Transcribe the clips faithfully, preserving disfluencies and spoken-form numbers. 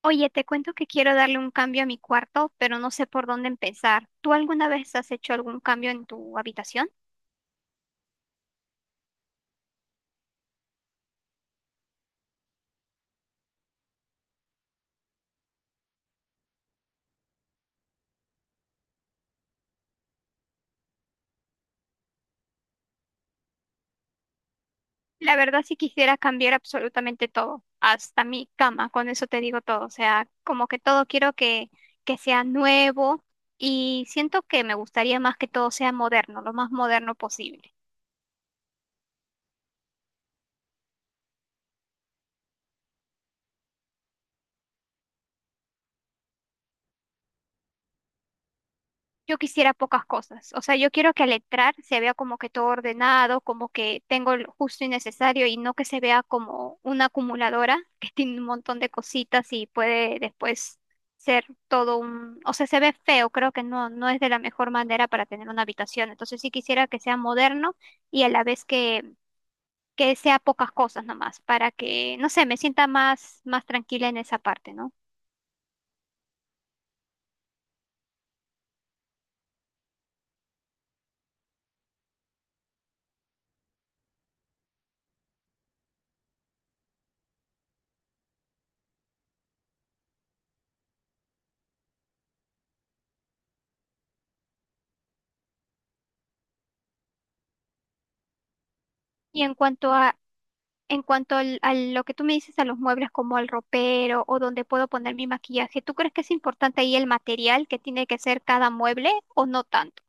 Oye, te cuento que quiero darle un cambio a mi cuarto, pero no sé por dónde empezar. ¿Tú alguna vez has hecho algún cambio en tu habitación? La verdad, sí quisiera cambiar absolutamente todo, hasta mi cama, con eso te digo todo. O sea, como que todo quiero que, que sea nuevo y siento que me gustaría más que todo sea moderno, lo más moderno posible. Yo quisiera pocas cosas. O sea, yo quiero que al entrar se vea como que todo ordenado, como que tengo lo justo y necesario y no que se vea como una acumuladora que tiene un montón de cositas y puede después ser todo un... O sea, se ve feo, creo que no, no es de la mejor manera para tener una habitación. Entonces sí quisiera que sea moderno y a la vez que, que sea pocas cosas nomás, para que, no sé, me sienta más, más tranquila en esa parte, ¿no? Y en cuanto a En cuanto al- a lo que tú me dices, a los muebles como al ropero o donde puedo poner mi maquillaje, ¿tú crees que es importante ahí el material que tiene que ser cada mueble o no tanto?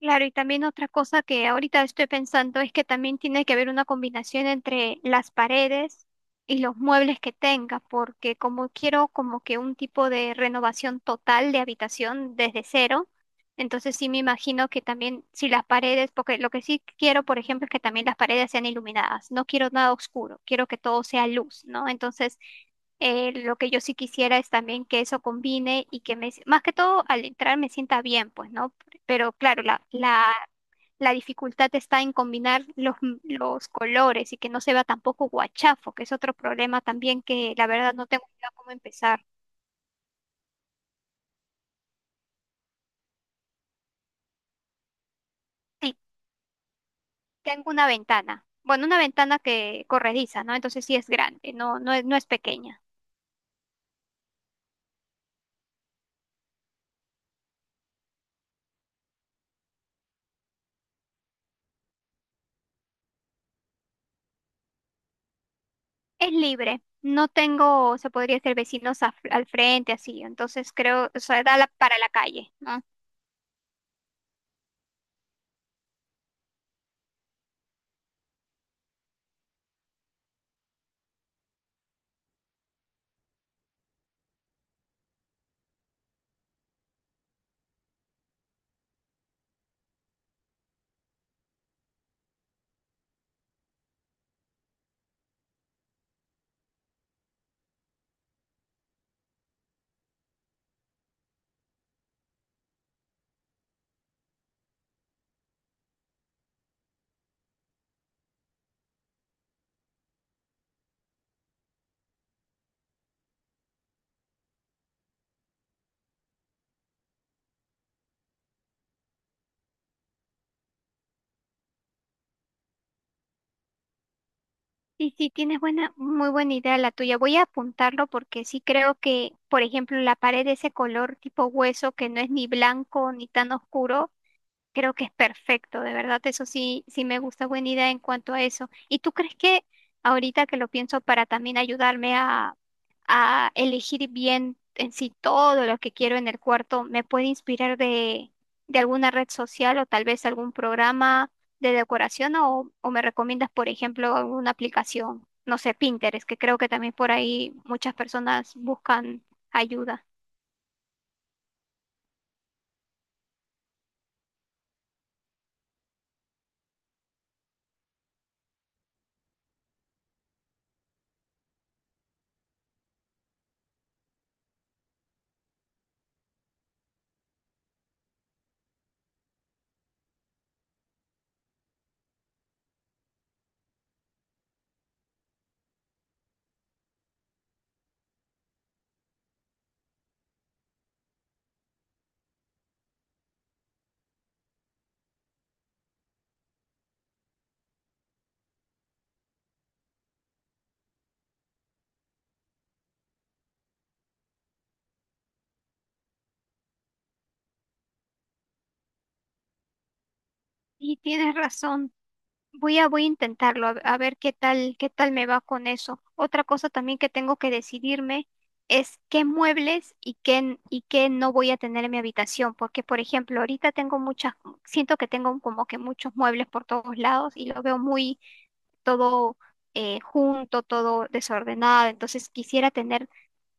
Claro, y también otra cosa que ahorita estoy pensando es que también tiene que haber una combinación entre las paredes y los muebles que tenga, porque como quiero como que un tipo de renovación total de habitación desde cero, entonces sí me imagino que también si las paredes, porque lo que sí quiero, por ejemplo, es que también las paredes sean iluminadas, no quiero nada oscuro, quiero que todo sea luz, ¿no? Entonces eh, lo que yo sí quisiera es también que eso combine y que me, más que todo al entrar me sienta bien, pues, ¿no? Pero claro, la, la, la dificultad está en combinar los, los colores y que no se vea tampoco guachafo, que es otro problema también que la verdad no tengo idea cómo empezar. Sí, tengo una ventana. Bueno, una ventana que corrediza, ¿no? Entonces sí es grande, no, no es, no es pequeña. Es libre. No tengo, se podría decir, vecinos a- al frente, así. Entonces creo, o sea, da la- para la calle, ¿no? Sí, sí, tienes buena, muy buena idea la tuya. Voy a apuntarlo porque sí creo que, por ejemplo, la pared de ese color tipo hueso que no es ni blanco ni tan oscuro. Creo que es perfecto, de verdad, eso sí, sí me gusta, buena idea en cuanto a eso. ¿Y tú crees que ahorita que lo pienso para también ayudarme a, a elegir bien en sí todo lo que quiero en el cuarto, me puede inspirar de, de alguna red social o tal vez algún programa de decoración o, o me recomiendas, por ejemplo, alguna aplicación, no sé, Pinterest, que creo que también por ahí muchas personas buscan ayuda? Y tienes razón. Voy a, voy a intentarlo, a, a ver qué tal, qué tal me va con eso. Otra cosa también que tengo que decidirme es qué muebles y qué, y qué no voy a tener en mi habitación, porque por ejemplo, ahorita tengo muchas, siento que tengo como que muchos muebles por todos lados y lo veo muy todo eh, junto, todo desordenado, entonces quisiera tener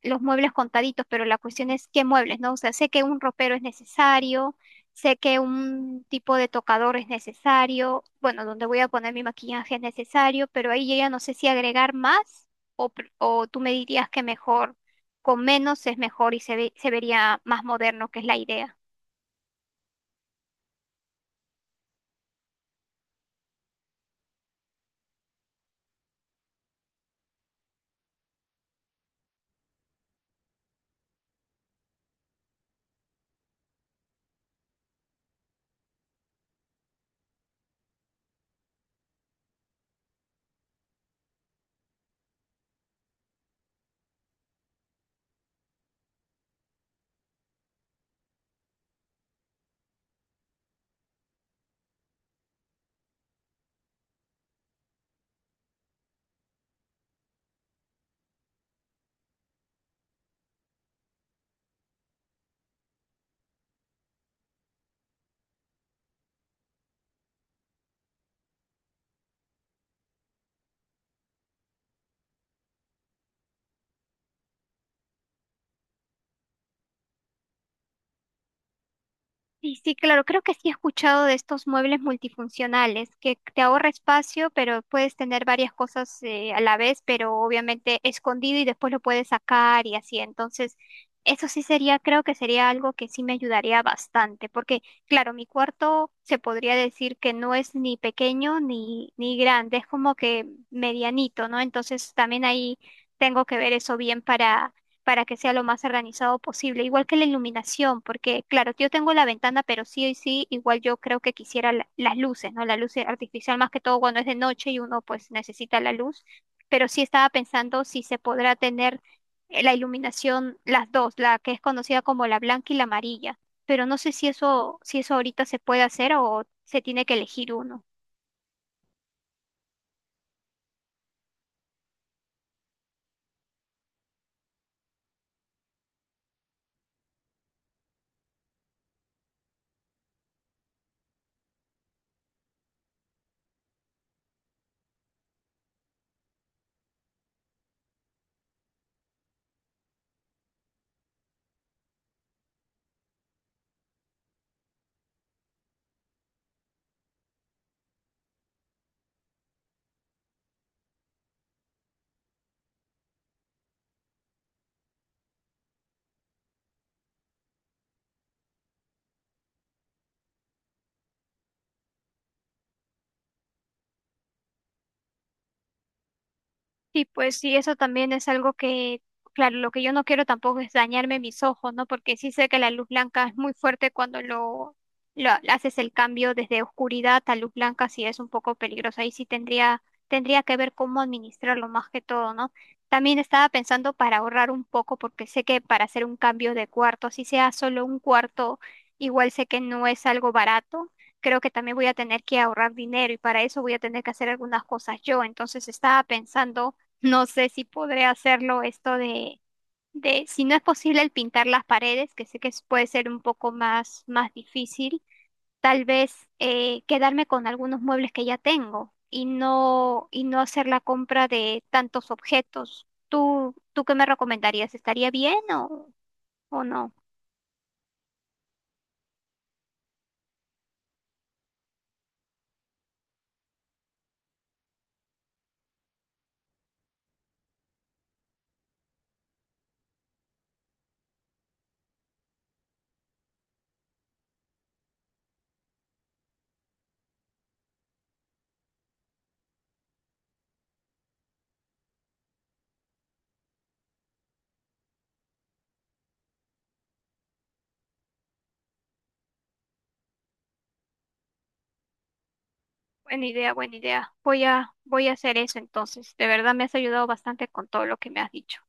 los muebles contaditos, pero la cuestión es qué muebles, ¿no? O sea, sé que un ropero es necesario, sé que un tipo de tocador es necesario, bueno, donde voy a poner mi maquillaje es necesario, pero ahí yo ya no sé si agregar más o, pr- o tú me dirías que mejor, con menos es mejor y se ve- se vería más moderno, que es la idea. Sí, sí, claro, creo que sí he escuchado de estos muebles multifuncionales, que te ahorra espacio, pero puedes tener varias cosas eh, a la vez, pero obviamente escondido y después lo puedes sacar y así. Entonces, eso sí sería, creo que sería algo que sí me ayudaría bastante, porque claro, mi cuarto se podría decir que no es ni pequeño ni, ni grande, es como que medianito, ¿no? Entonces, también ahí tengo que ver eso bien para que sea lo más organizado posible, igual que la iluminación, porque claro, yo tengo la ventana, pero sí y sí, igual yo creo que quisiera la- las luces, ¿no? La luz artificial más que todo cuando es de noche y uno pues necesita la luz, pero sí estaba pensando si se podrá tener eh, la iluminación, las dos, la que es conocida como la blanca y la amarilla, pero no sé si eso, si eso ahorita se puede hacer o se tiene que elegir uno. Sí, pues sí, eso también es algo que, claro, lo que yo no quiero tampoco es dañarme mis ojos, ¿no? Porque sí sé que la luz blanca es muy fuerte cuando lo, lo haces el cambio desde oscuridad a luz blanca, sí es un poco peligroso. Ahí sí tendría, tendría que ver cómo administrarlo más que todo, ¿no? También estaba pensando para ahorrar un poco, porque sé que para hacer un cambio de cuarto, si sea solo un cuarto, igual sé que no es algo barato, creo que también voy a tener que ahorrar dinero y para eso voy a tener que hacer algunas cosas yo. Entonces estaba pensando no sé si podré hacerlo esto de, de, si no es posible el pintar las paredes, que sé que es- puede ser un poco más, más difícil, tal vez eh, quedarme con algunos muebles que ya tengo y no, y no hacer la compra de tantos objetos. ¿Tú, tú qué me recomendarías? ¿Estaría bien o, o no? Buena idea, buena idea. Voy a, voy a hacer eso entonces. De verdad me has ayudado bastante con todo lo que me has dicho.